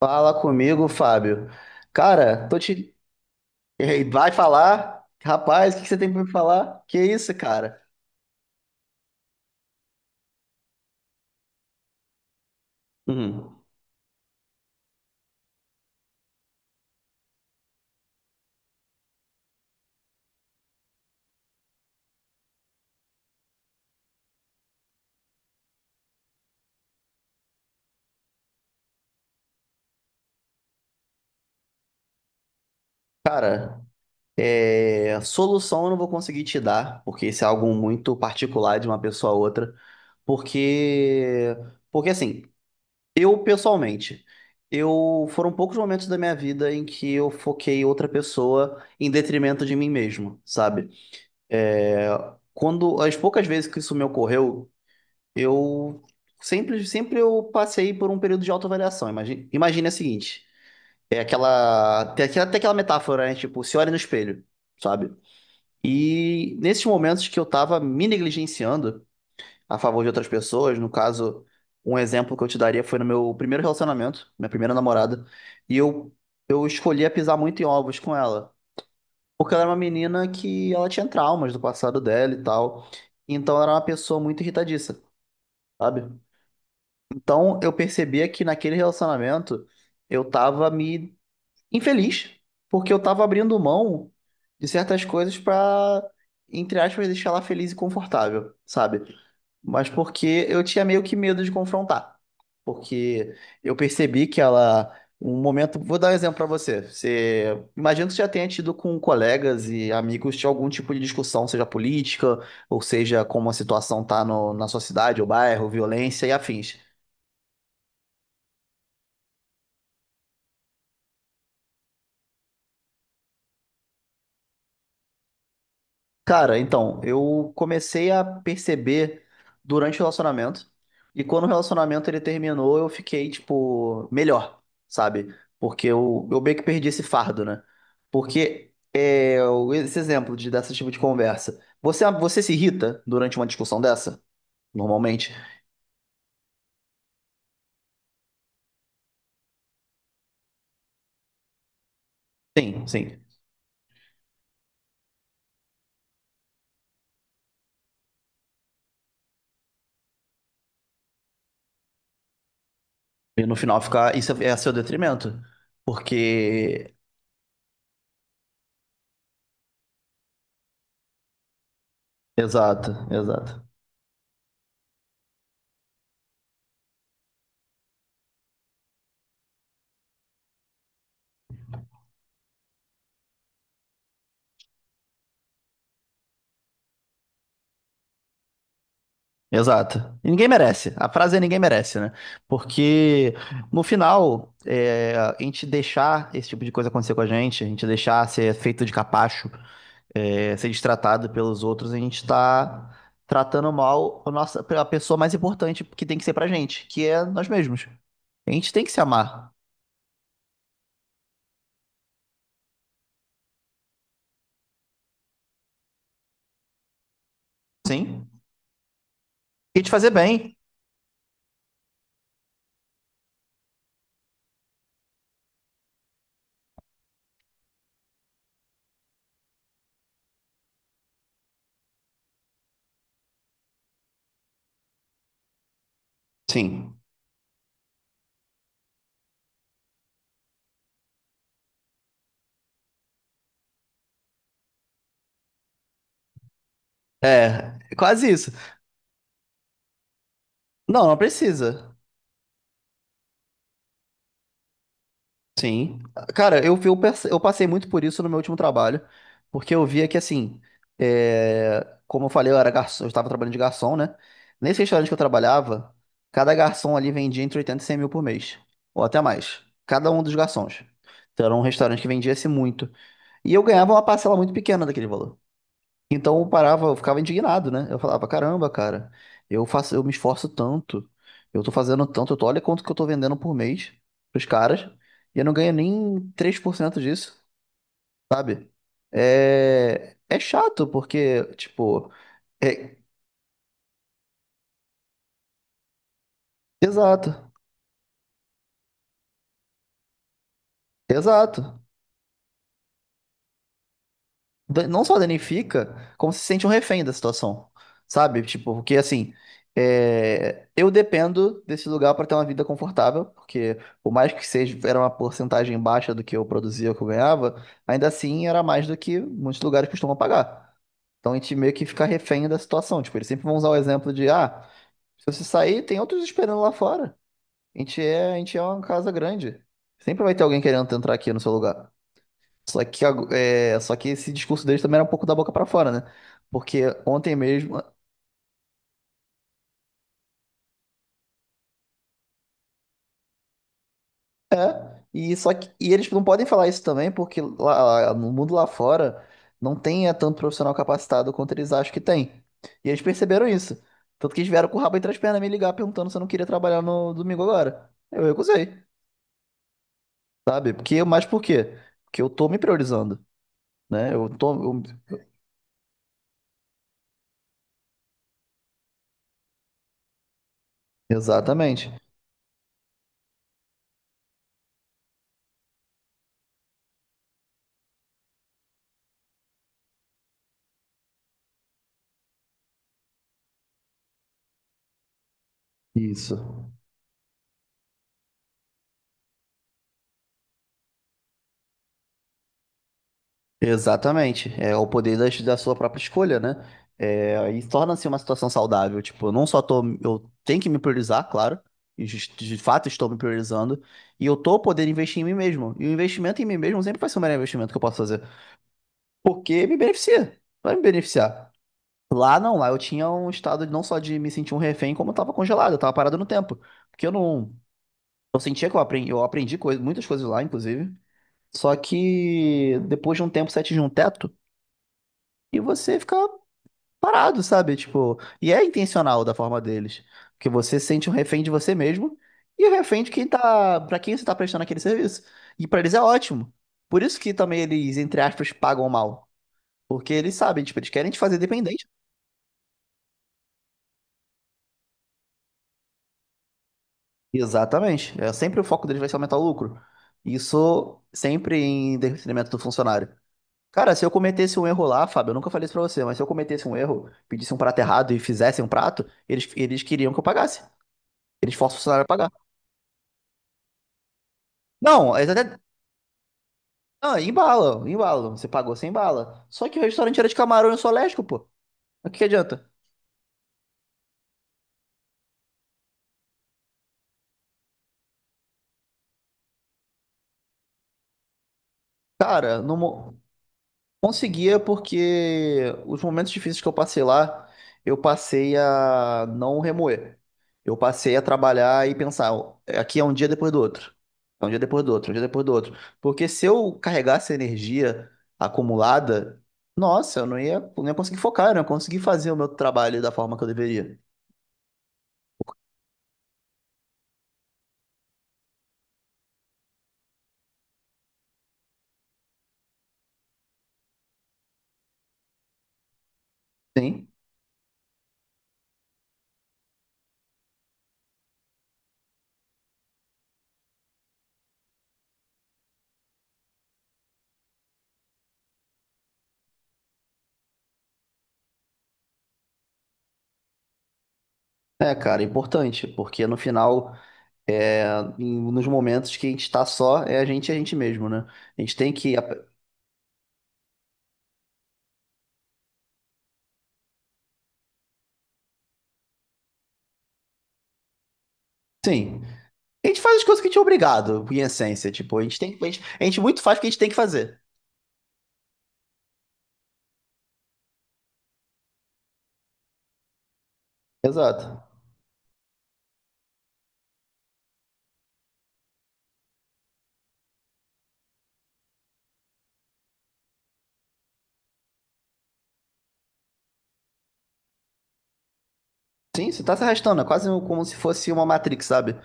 Fala comigo, Fábio. Cara, tô te. Ei, vai falar? Rapaz, o que que você tem pra me falar? Que isso, cara? Hum. Cara, solução eu não vou conseguir te dar, porque isso é algo muito particular de uma pessoa a outra. Porque. Porque assim, eu pessoalmente, eu foram poucos momentos da minha vida em que eu foquei outra pessoa em detrimento de mim mesmo, sabe? É, Quando as poucas vezes que isso me ocorreu, eu sempre, sempre eu passei por um período de autoavaliação. Imagina, imagina o seguinte, tem aquela metáfora, né? Tipo, se olha no espelho, sabe? E nesses momentos que eu tava me negligenciando a favor de outras pessoas, no caso, um exemplo que eu te daria foi no meu primeiro relacionamento, minha primeira namorada, e eu escolhia pisar muito em ovos com ela, porque ela era uma menina que ela tinha traumas do passado dela e tal, então ela era uma pessoa muito irritadiça, sabe? Então eu percebia que naquele relacionamento eu tava me infeliz, porque eu tava abrindo mão de certas coisas pra, entre aspas, deixar ela feliz e confortável, sabe? Mas porque eu tinha meio que medo de confrontar. Porque eu percebi que ela, um momento, vou dar um exemplo pra você. Você imagina que você já tenha tido com colegas e amigos de algum tipo de discussão, seja política, ou seja, como a situação tá na sua cidade ou bairro, violência e afins. Cara, então, eu comecei a perceber durante o relacionamento, e quando o relacionamento ele terminou, eu fiquei, tipo, melhor, sabe? Porque eu meio que perdi esse fardo, né? Porque esse exemplo de, desse tipo de conversa. Você se irrita durante uma discussão dessa, normalmente? Sim, sim. E no final ficar, isso é a seu detrimento. Porque. Exato, exato. Exato. E ninguém merece. A frase é ninguém merece, né? Porque no final, é, a gente deixar esse tipo de coisa acontecer com a gente deixar ser feito de capacho, ser destratado pelos outros, a gente tá tratando mal a a pessoa mais importante que tem que ser pra gente, que é nós mesmos. A gente tem que se amar, sim? E te fazer bem, sim. É, quase isso. Não, não precisa. Sim. Cara, eu passei muito por isso no meu último trabalho, porque eu via que, assim, como eu falei, eu era garçom, eu estava trabalhando de garçom, né? Nesse restaurante que eu trabalhava, cada garçom ali vendia entre 80 e 100 mil por mês, ou até mais, cada um dos garçons. Então era um restaurante que vendia-se muito. E eu ganhava uma parcela muito pequena daquele valor. Então eu parava, eu ficava indignado, né? Eu falava, caramba, cara, eu faço, eu me esforço tanto, eu tô fazendo tanto, olha quanto que eu tô vendendo por mês pros caras, e eu não ganho nem 3% disso, sabe? É chato, porque, tipo, é... Exato, exato. Não só danifica, como se sente um refém da situação, sabe? Tipo, porque assim, eu dependo desse lugar para ter uma vida confortável, porque por mais que seja era uma porcentagem baixa do que eu produzia, o que eu ganhava, ainda assim era mais do que muitos lugares costumam pagar. Então a gente meio que fica refém da situação. Tipo, eles sempre vão usar o exemplo de, ah, se você sair, tem outros esperando lá fora. A gente é uma casa grande. Sempre vai ter alguém querendo entrar aqui no seu lugar. Só que esse discurso deles também era um pouco da boca pra fora, né? Porque ontem mesmo. E, só que, e eles não podem falar isso também, porque lá, no mundo lá fora não tem tanto profissional capacitado quanto eles acham que tem. E eles perceberam isso. Tanto que eles vieram com o rabo entre as pernas me ligar perguntando se eu não queria trabalhar no domingo agora. Eu recusei, sabe? Porque, mas por quê? Porque eu tô me priorizando, né? Eu tô. Exatamente. Isso. Exatamente. É o poder da sua própria escolha, né? É, e torna-se uma situação saudável. Tipo, eu não só tô. Eu tenho que me priorizar, claro. E de fato estou me priorizando. E eu tô podendo investir em mim mesmo. E o investimento em mim mesmo sempre vai ser o melhor investimento que eu posso fazer. Porque me beneficia. Vai me beneficiar. Lá não, lá eu tinha um estado não só de me sentir um refém, como eu tava congelado, eu tava parado no tempo. Porque eu não. Eu sentia que eu aprendi coisa, muitas coisas lá, inclusive. Só que depois de um tempo você atinge um teto. E você fica parado, sabe? Tipo, e é intencional da forma deles, que você sente um refém de você mesmo e o refém de quem tá, pra quem você tá prestando aquele serviço. E pra eles é ótimo. Por isso que também eles, entre aspas, pagam mal, porque eles sabem, tipo, eles querem te fazer dependente. Exatamente. É sempre o foco deles vai ser aumentar o lucro. Isso sempre em detrimento do funcionário. Cara, se eu cometesse um erro lá, Fábio, eu nunca falei isso pra você, mas se eu cometesse um erro, pedisse um prato errado e fizesse um prato, eles queriam que eu pagasse. Eles forçam o funcionário a pagar. Não, eles até, ah, embala, embala. Você pagou sem bala. Só que o restaurante era de camarão e soléstico, pô. O que que adianta? Cara, não conseguia porque os momentos difíceis que eu passei lá, eu passei a não remoer. Eu passei a trabalhar e pensar, "Ó, aqui é um dia depois do outro. É um dia depois do outro, é um dia depois do outro. Porque se eu carregasse a energia acumulada, nossa, eu não ia, não ia conseguir focar, eu não ia conseguir fazer o meu trabalho da forma que eu deveria. Sim. É, cara, é importante, porque no final. É, Nos momentos que a gente está só, é a gente e a gente mesmo, né? A gente tem que. Sim. A gente faz as coisas que a gente é obrigado, em essência. Tipo, a gente muito faz o que a gente tem que fazer. Exato. Sim, você tá se arrastando, é quase um, como se fosse uma Matrix, sabe?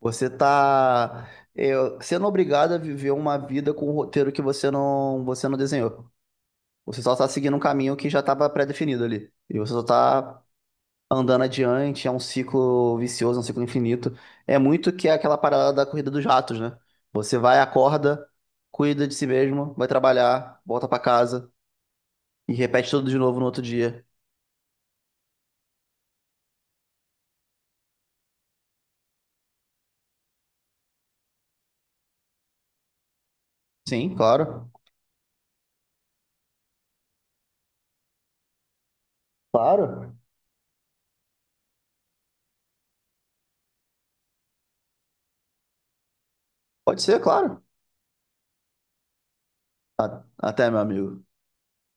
Você tá é, sendo obrigado a viver uma vida com um roteiro que você não desenhou. Você só tá seguindo um caminho que já tava pré-definido ali. E você só tá andando adiante, é um ciclo vicioso, é um ciclo infinito. É muito que é aquela parada da corrida dos ratos, né? Você vai, acorda, cuida de si mesmo, vai trabalhar, volta pra casa e repete tudo de novo no outro dia. Sim, claro. Claro. Pode ser, claro. A- até, meu amigo.